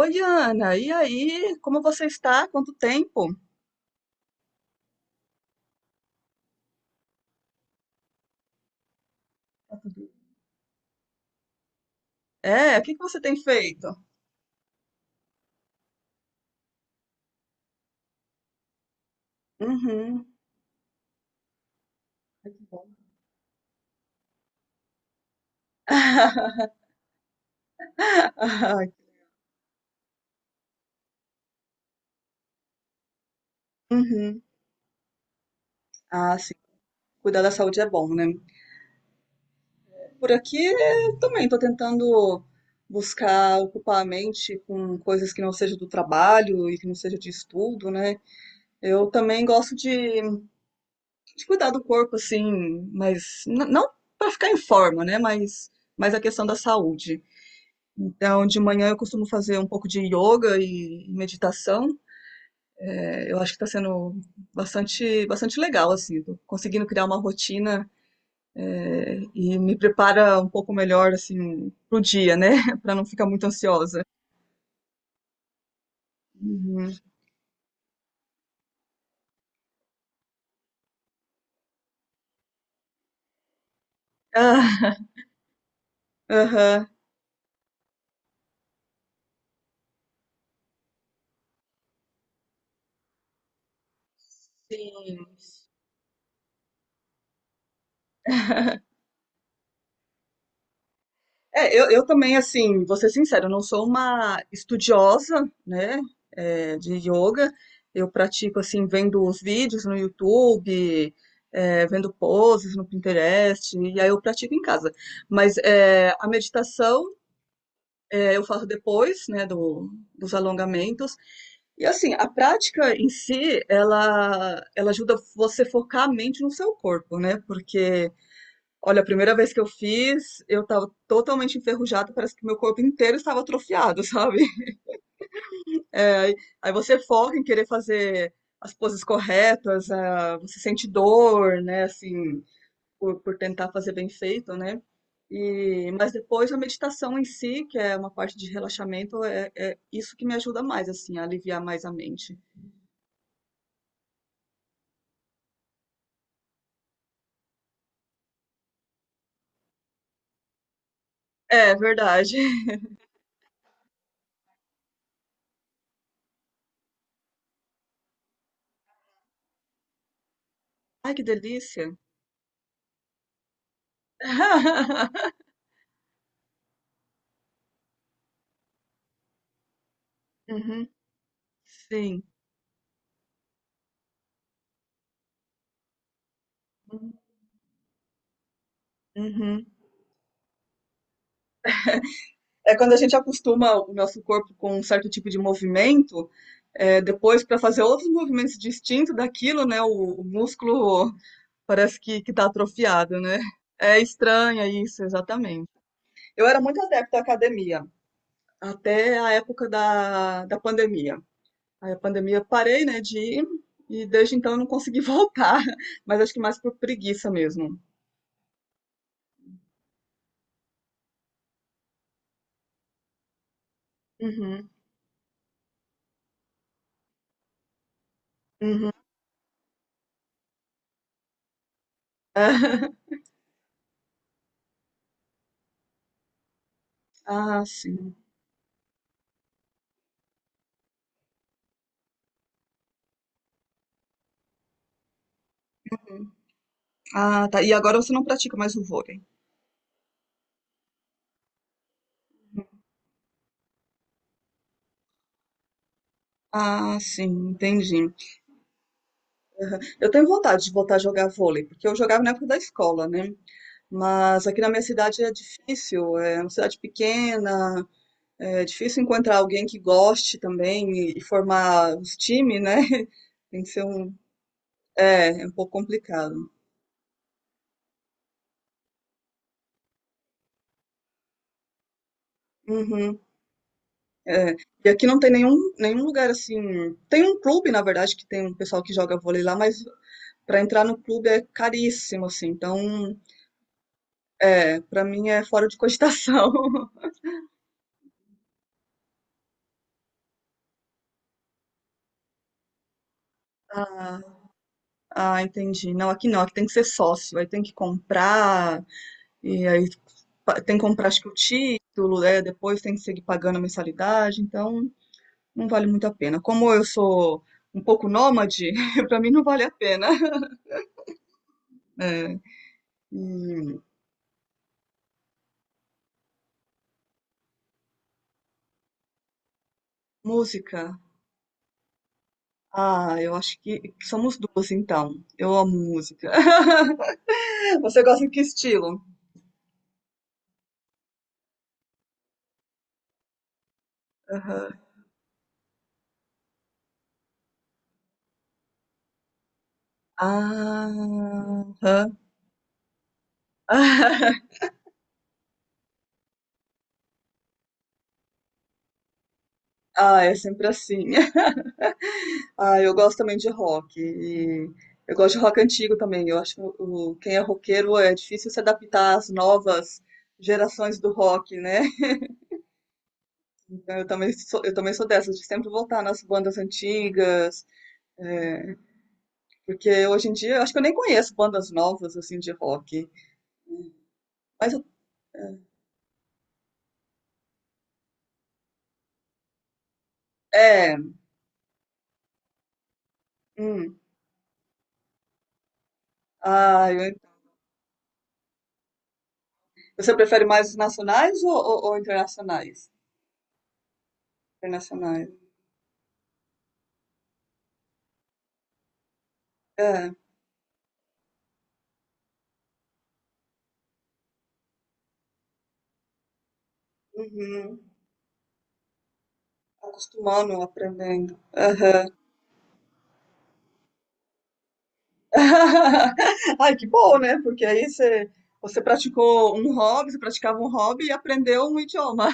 Oi, Ana, e aí? Como você está? Quanto tempo? Tá tudo bem. O que que você tem feito? Uhum. Ai, que bom. Ah, uhum. Ah, sim. Cuidar da saúde é bom, né? Por aqui eu também estou tentando buscar ocupar a mente com coisas que não sejam do trabalho e que não seja de estudo, né? Eu também gosto de cuidar do corpo, assim, mas não para ficar em forma, né? Mas a questão da saúde. Então, de manhã eu costumo fazer um pouco de yoga e meditação. Eu acho que está sendo bastante legal, assim, tô conseguindo criar uma rotina, e me prepara um pouco melhor, assim, pro dia, né? Para não ficar muito ansiosa. Uhum. Ah, aham, sim. Eu também, assim, vou ser sincera, eu não sou uma estudiosa, né, de yoga. Eu pratico, assim, vendo os vídeos no YouTube, vendo poses no Pinterest, e aí eu pratico em casa. Mas a meditação eu faço depois, né, dos alongamentos. E, assim, a prática em si, ela ajuda você a focar a mente no seu corpo, né, porque olha, a primeira vez que eu fiz, eu tava totalmente enferrujada, parece que meu corpo inteiro estava atrofiado, sabe? Aí aí você foca em querer fazer as poses corretas, ah, você sente dor, né, assim, por tentar fazer bem feito, né? E, mas depois a meditação em si, que é uma parte de relaxamento, é isso que me ajuda mais, assim, a aliviar mais a mente. É verdade. Ai, que delícia. Uhum, sim. Uhum. É quando a gente acostuma o nosso corpo com um certo tipo de movimento, depois para fazer outros movimentos distintos daquilo, né? O músculo parece que está atrofiado, né? É estranho isso, exatamente. Eu era muito adepta à academia, até a época da pandemia. Aí a pandemia parei, né, de ir, e desde então eu não consegui voltar, mas acho que mais por preguiça mesmo. Uhum, uhum. Ah, sim. Ah, tá. E agora você não pratica mais o vôlei. Ah, sim, entendi. Eu tenho vontade de voltar a jogar vôlei, porque eu jogava na época da escola, né? Mas aqui na minha cidade é difícil, é uma cidade pequena, é difícil encontrar alguém que goste também e formar os times, né? Tem que ser um, é um pouco complicado. Uhum, é. E aqui não tem nenhum lugar assim. Tem um clube, na verdade, que tem um pessoal que joga vôlei lá, mas para entrar no clube é caríssimo, assim. Então, é para mim é fora de cogitação. Ah, ah, entendi. Não, aqui não, aqui tem que ser sócio, aí tem que comprar, e aí tem que comprar, acho que o título, depois tem que seguir pagando a mensalidade, então não vale muito a pena. Como eu sou um pouco nômade, pra mim não vale a pena. É, e música. Ah, eu acho que somos duas, então. Eu amo música. Você gosta de que estilo? Aham. Ah, aham. Ah, é sempre assim. Ah, eu gosto também de rock. E eu gosto de rock antigo também. Eu acho que quem é roqueiro é difícil se adaptar às novas gerações do rock, né? Então eu também sou dessas, de sempre voltar nas bandas antigas. é, porque hoje em dia eu acho que eu nem conheço bandas novas assim de rock. Mas eu- é. Hum. ah, eu- você prefere mais os nacionais ou internacionais? Internacionais. É. Uhum. Acostumando, aprendendo. Ai, que bom, né? Porque você praticou um hobby, você praticava um hobby e aprendeu um idioma.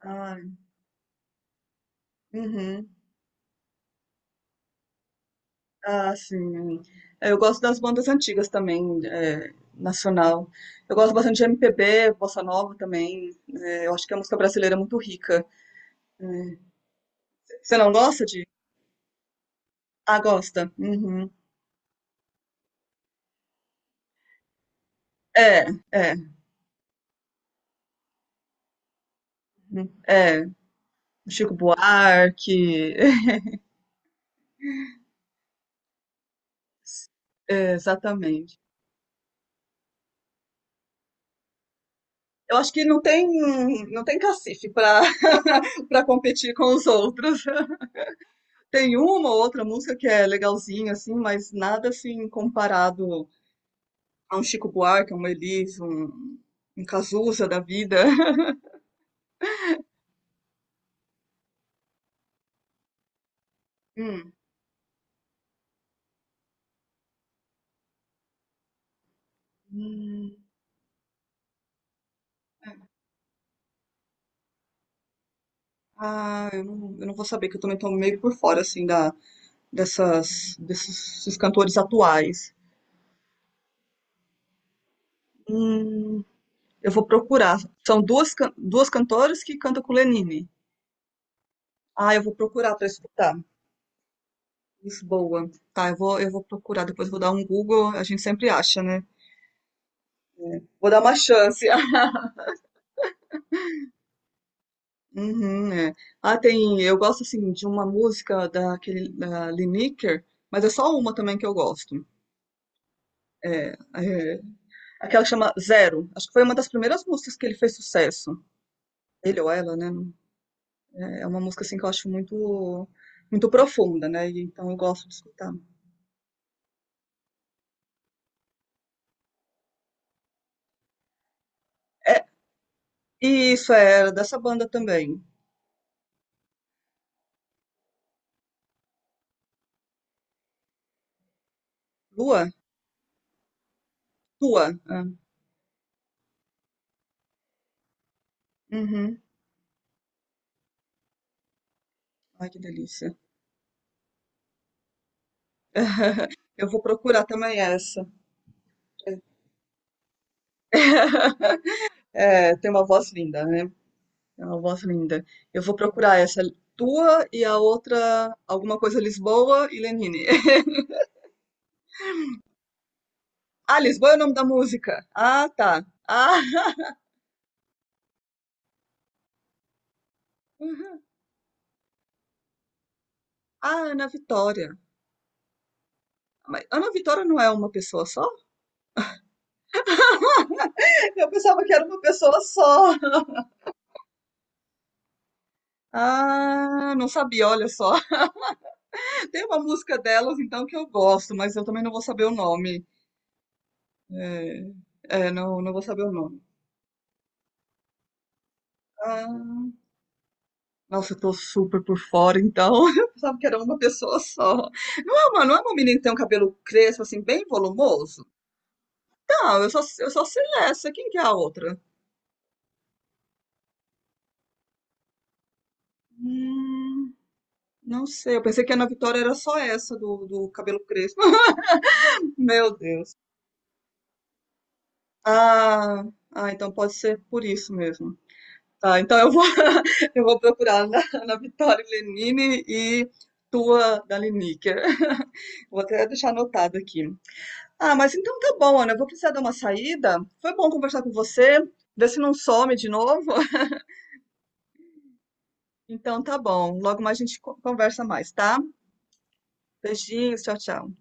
Ai, uhum. Ah, sim. É, eu gosto das bandas antigas também, nacional. Eu gosto bastante de MPB, bossa nova também. Eu acho que a música brasileira é muito rica. Você não gosta de? Ah, gosta. Uhum. É, é, é. Chico Buarque, exatamente. Eu acho que não tem, não tem cacife para para competir com os outros. Tem uma ou outra música que é legalzinha, assim, mas nada assim comparado a um Chico Buarque, a um Elis, um Cazuza da vida. Hum. Hum. Ah, eu não vou saber, que eu também tô meio por fora, assim, da, dessas, desses desses cantores atuais. Hum, eu vou procurar. São duas, duas cantoras que cantam com Lenine. Ah, eu vou procurar para escutar. Lisboa. Tá, eu vou procurar, depois vou dar um Google, a gente sempre acha, né? Vou dar uma chance. Uhum, é. Ah, tem. Eu gosto assim de uma música daquele da Lineker, mas é só uma também que eu gosto. É, é, aquela que chama Zero. Acho que foi uma das primeiras músicas que ele fez sucesso. Ele ou ela, né? É é uma música assim que eu acho muito profunda, né? E, então eu gosto de escutar. É, e isso é dessa banda também. Lua? Tua? Ah, uhum. Ai, que delícia. Eu vou procurar também essa. É, tem uma voz linda, né? É uma voz linda. Eu vou procurar essa tua e a outra, alguma coisa Lisboa e Lenine. Ah, Lisboa é o nome da música. Ah, tá. Ah, ah, Ana Vitória. Mas Ana Vitória não é uma pessoa só? Eu pensava que era uma pessoa só. Ah, não sabia, olha só. Tem uma música delas, então, que eu gosto, mas eu também não vou saber o nome. É, não vou saber o nome. Ah, nossa, eu tô super por fora, então. Eu pensava que era uma pessoa só. Não é uma menina que tem um cabelo crespo, assim, bem volumoso? Não, eu só sei essa. Quem que é a outra? Hum, não sei. Eu pensei que a Ana Vitória era só essa do cabelo crespo. Meu Deus. Ah, ah, então pode ser por isso mesmo. Tá, então eu vou procurar na Vitória Lenine e tua da Liniker. Vou até deixar anotado aqui. Ah, mas então tá bom, Ana. Eu vou precisar dar uma saída. Foi bom conversar com você, ver se não some de novo. Então tá bom. Logo mais a gente conversa mais, tá? Beijinhos, tchau, tchau.